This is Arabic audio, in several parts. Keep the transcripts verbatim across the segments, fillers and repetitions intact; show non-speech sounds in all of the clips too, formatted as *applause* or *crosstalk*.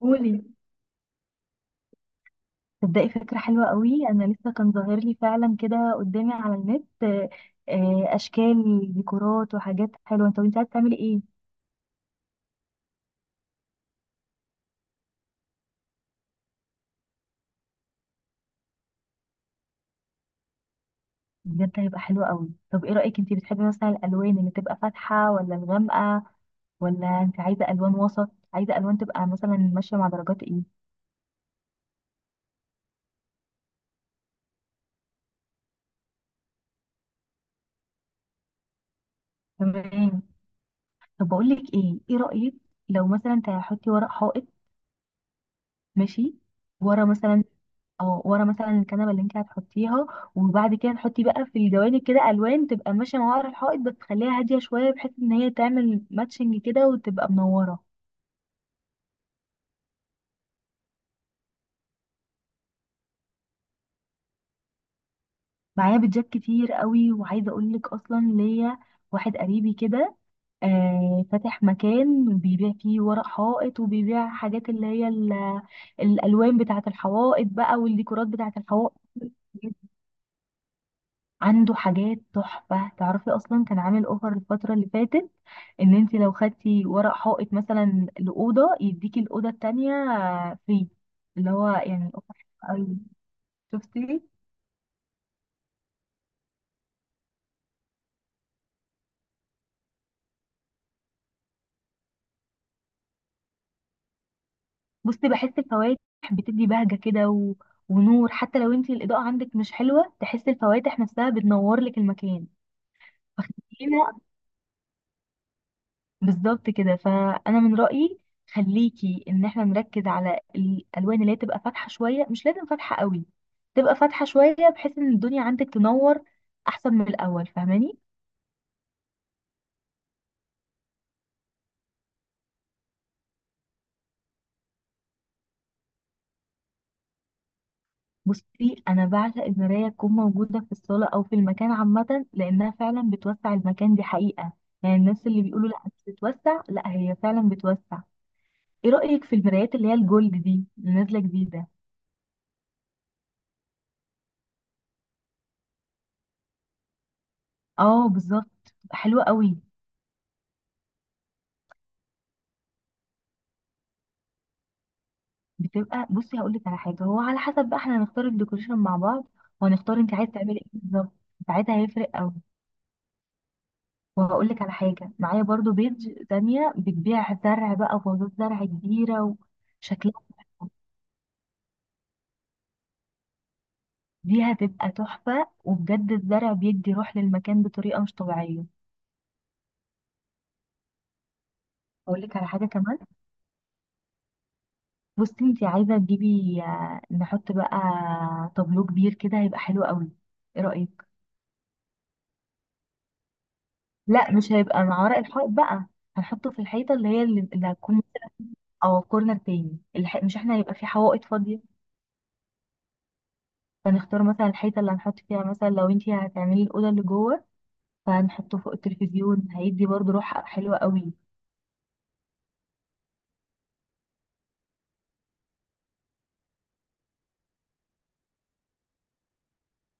قولي. تبدأي فكرة حلوة قوي. أنا لسه كان ظاهر لي فعلا كده قدامي على النت آه، آه، أشكال ديكورات وحاجات حلوة. طب أنت عايزة تعملي إيه؟ بجد هيبقى حلو قوي. طب إيه رأيك، أنت بتحبي مثلا الألوان اللي تبقى فاتحة ولا الغامقة، ولا أنت عايزة ألوان وسط، عايزة ألوان تبقى مثلا ماشية مع درجات إيه؟ تمام. طب بقول لك إيه، إيه رأيك لو مثلا تحطي ورق حائط؟ ماشي. ورا مثلا، اه ورا مثلا الكنبه اللي انت هتحطيها، وبعد كده تحطي بقى في الجوانب كده الوان تبقى ماشيه مع ورا الحائط، بس تخليها هاديه شويه بحيث ان هي تعمل ماتشنج كده وتبقى منوره. معايا بيتزات كتير قوي، وعايزه اقول لك اصلا ليا واحد قريبي كده آه فاتح مكان بيبيع فيه ورق حائط، وبيبيع حاجات اللي هي ال- الالوان بتاعه الحوائط بقى، والديكورات بتاعه الحوائط. عنده حاجات تحفة. تعرفي أصلا كان عامل أوفر الفترة اللي فاتت، إن أنت لو خدتي ورق حائط مثلا لأوضة يديكي الأوضة التانية فري، اللي هو يعني أوفر. حلو أوي. شفتي؟ بصي، بحس الفواتح بتدي بهجة كده و... ونور. حتى لو أنت الإضاءة عندك مش حلوة، تحس الفواتح نفسها بتنور لك المكان. فاخدينها بالظبط كده. فانا من رايي خليكي ان احنا نركز على الالوان اللي هي تبقى فاتحه شويه، مش لازم فاتحه قوي، تبقى فاتحه شويه بحيث ان الدنيا عندك تنور احسن من الاول. فاهماني؟ بصي، انا بعشق المرايه تكون موجوده في الصاله او في المكان عامه، لانها فعلا بتوسع المكان، دي حقيقه. يعني الناس اللي بيقولوا لا مش بتوسع، لا هي فعلا بتوسع. ايه رايك في المرايات اللي هي الجولد دي اللي نازله جديده؟ اه بالظبط، حلوه قوي. بتبقى، بصي هقول لك على حاجه، هو على حسب بقى احنا هنختار الديكوريشن مع بعض، وهنختار انت عايز تعملي ايه بالظبط. ساعتها هيفرق قوي. وهقول لك على حاجه، معايا برضو بيج تانية بتبيع زرع بقى وفازات زرع كبيره وشكلها، دي هتبقى تحفه. وبجد الزرع بيدي روح للمكان بطريقه مش طبيعيه. هقول لك على حاجه كمان. بصي انت عايزه تجيبي، آه، نحط بقى طابلو كبير كده، هيبقى حلو قوي. ايه رايك؟ لا مش هيبقى مع ورق الحائط بقى، هنحطه في الحيطه اللي هي اللي اللي هتكون او كورنر تاني. الح... مش احنا هيبقى في حوائط فاضيه، فنختار مثلا الحيطه اللي هنحط فيها، مثلا لو انتي هتعملي الاوضه اللي جوه فهنحطه فوق التلفزيون، هيدي برضو روح حلوه قوي.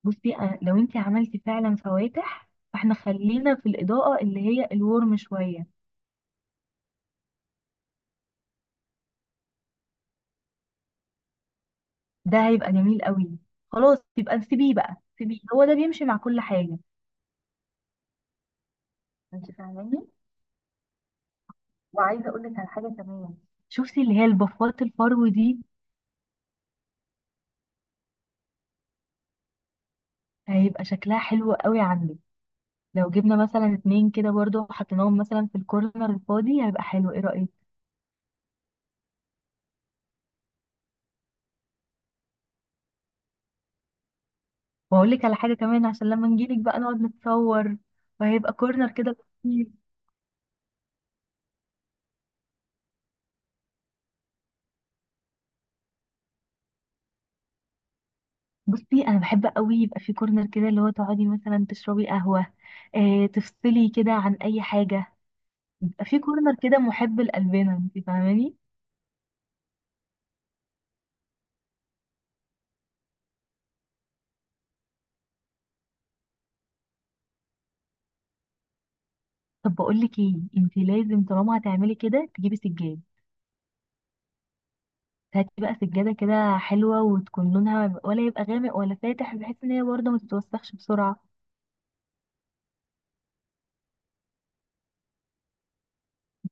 بصي أنا- لو انتي عملتي فعلا فواتح، فاحنا خلينا في الاضاءه اللي هي الورم شويه. ده هيبقى جميل قوي. خلاص يبقى سيبيه بقى، سيبيه، هو ده بيمشي مع كل حاجه. انت فاهماني؟ وعايزه اقول لك على حاجه كمان. شوفي اللي هي البفات الفرو دي، هيبقى شكلها حلو قوي عندك، لو جبنا مثلا اتنين كده برضو وحطيناهم مثلا في الكورنر الفاضي هيبقى حلو. ايه رأيك؟ واقول لك على حاجة كمان، عشان لما نجيلك بقى نقعد نتصور، وهيبقى كورنر كده لطيف. بصي انا بحب قوي يبقى في كورنر كده، اللي هو تقعدي مثلا تشربي قهوة، اه تفصلي كده عن اي حاجة. يبقى في كورنر كده محب لقلبنا. انت فاهماني؟ طب بقول لك ايه، انت لازم طالما هتعملي كده تجيبي سجاد. هاتي بقى سجادة كده حلوة، وتكون لونها ولا يبقى غامق ولا فاتح بحيث ان هي برضه ما تتوسخش بسرعة.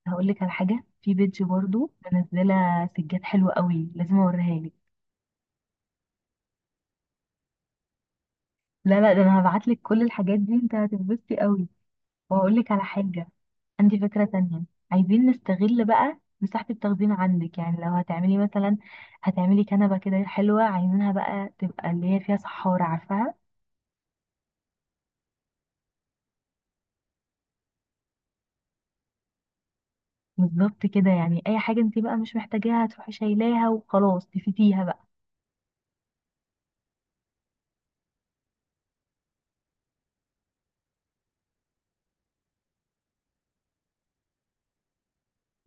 هقول لك على حاجه، في بيج برضو منزله سجاد حلوه قوي، لازم اوريها لك. لا لا، ده انا هبعت لك كل الحاجات دي، انت هتتبسطي قوي. وهقول لك على حاجه، عندي فكره تانية. عايزين نستغل بقى مساحه التخزين عندك، يعني لو هتعملي مثلا، هتعملي كنبه كده حلوه، عايزينها بقى تبقى اللي هي فيها سحاره، عارفاها؟ بالظبط كده. يعني اي حاجه انت بقى مش محتاجاها هتروحي شايلاها وخلاص تفيتيها بقى.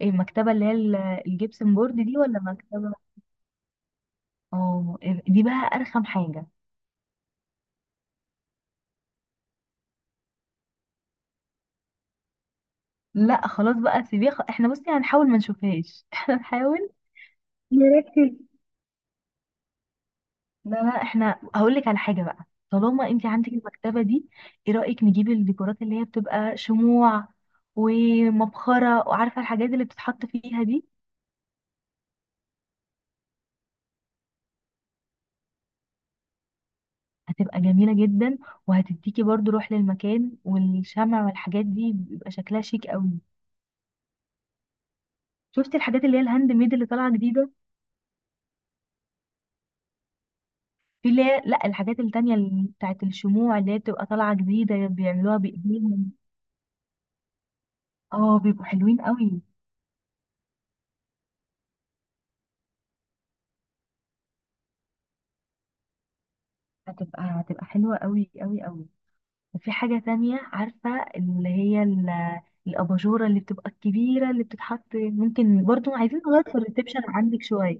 ايه المكتبه اللي هي ال- الجبسن بورد دي ولا مكتبه؟ اه إيه، دي بقى ارخم حاجه. لا خلاص بقى سيبيه، خ- احنا بصي هنحاول ما نشوفهاش. *laughs* احنا نحاول نركز. لا لا، احنا هقول لك على حاجه بقى، طالما انت عندك المكتبه دي، ايه رايك نجيب الديكورات اللي هي بتبقى شموع ومبخره، وعارفه الحاجات اللي بتتحط فيها دي؟ هتبقى جميله جدا، وهتديكي برضو روح للمكان، والشمع والحاجات دي بيبقى شكلها شيك قوي. شفتي الحاجات اللي هي الهاند ميد اللي طالعه جديده؟ في اللي هي، لا الحاجات التانية اللي بتاعت الشموع اللي هي بتبقى طالعه جديده، بيعملوها بايديهم. اه بيبقوا حلوين قوي. هتبقى هتبقى حلوة قوي قوي قوي. وفي حاجة تانية، عارفة، اللي هي ال- الأباجورة اللي بتبقى الكبيرة اللي بتتحط، ممكن برضو عايزين نغير في الريسبشن عندك شوية.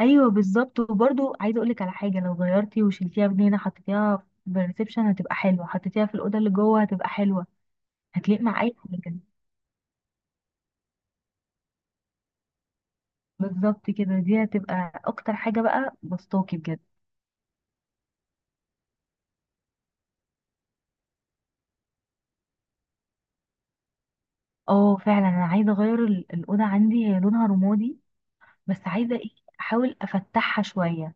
أيوة بالظبط. وبرضو عايزة أقولك على حاجة، لو غيرتي وشلتيها من هنا حطيتيها في الريسبشن هتبقى حلوة، حطيتيها في الأوضة اللي جوه هتبقى حلوة، هتليق مع أي حاجة. بالظبط كده، دي هتبقى أكتر حاجة بقى بسطاكي بجد. اه فعلا أنا عايزة أغير ال- الأوضة عندي، هي لونها رمادي بس عايزة ايه، احاول افتحها شوية،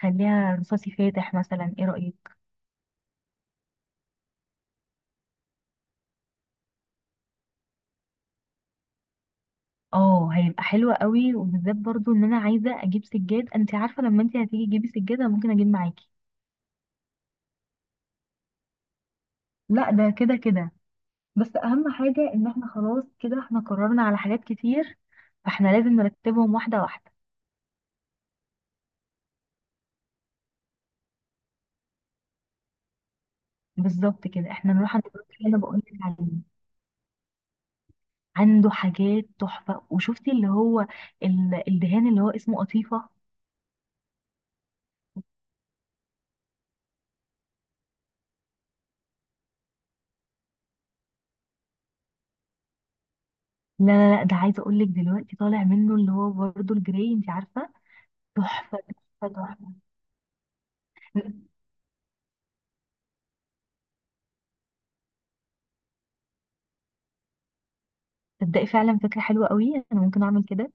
خليها رصاصي فاتح مثلا. ايه رأيك؟ اه هيبقى حلوة قوي، وبالذات برضو ان انا عايزة اجيب سجاد. انت عارفة لما انت هتيجي تجيبي سجادة ممكن اجيب معاكي. لا ده كده كده، بس اهم حاجة ان احنا خلاص كده احنا قررنا على حاجات كتير، فاحنا لازم نرتبهم واحدة واحدة. بالظبط كده، احنا نروح عند الراجل اللي انا بقول لك عليه، عنده حاجات تحفة. وشفتي اللي هو ال- الدهان اللي هو اسمه قطيفة؟ لا لا لا، ده عايزه اقول لك دلوقتي طالع منه اللي هو برضه الجراي، انت عارفه. تحفه، تحفه، تحفه. تبدأي فعلا فكره حلوه قوي، انا ممكن اعمل كده.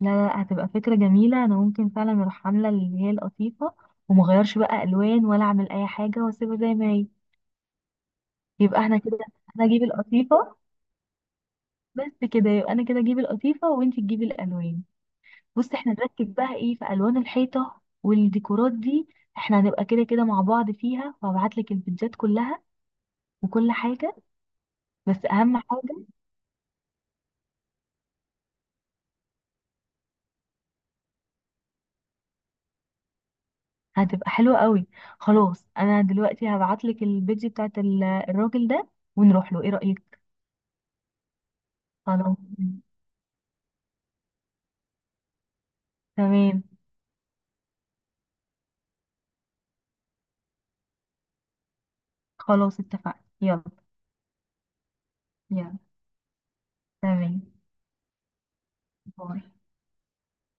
لا لا لا، هتبقى فكره جميله، انا ممكن فعلا اروح عامله اللي هي القطيفه، ومغيرش بقى الوان، ولا اعمل اي حاجه واسيبها زي ما هي. يبقى احنا كده، انا اجيب القطيفه بس كده. يبقى انا كده اجيب القطيفه، وانت تجيبي الالوان. بص، احنا نركز بقى ايه في الوان الحيطه والديكورات دي. احنا هنبقى كده كده مع بعض فيها، وهبعت لك الفيديوهات كلها وكل حاجه. بس اهم حاجه، هتبقى حلوه قوي. خلاص انا دلوقتي هبعت لك البيج بتاعت ال- الراجل ده، ونروح له. ايه رايك؟ خلاص. تمام. خلاص اتفقنا، يلا. يلا. تمام. باي.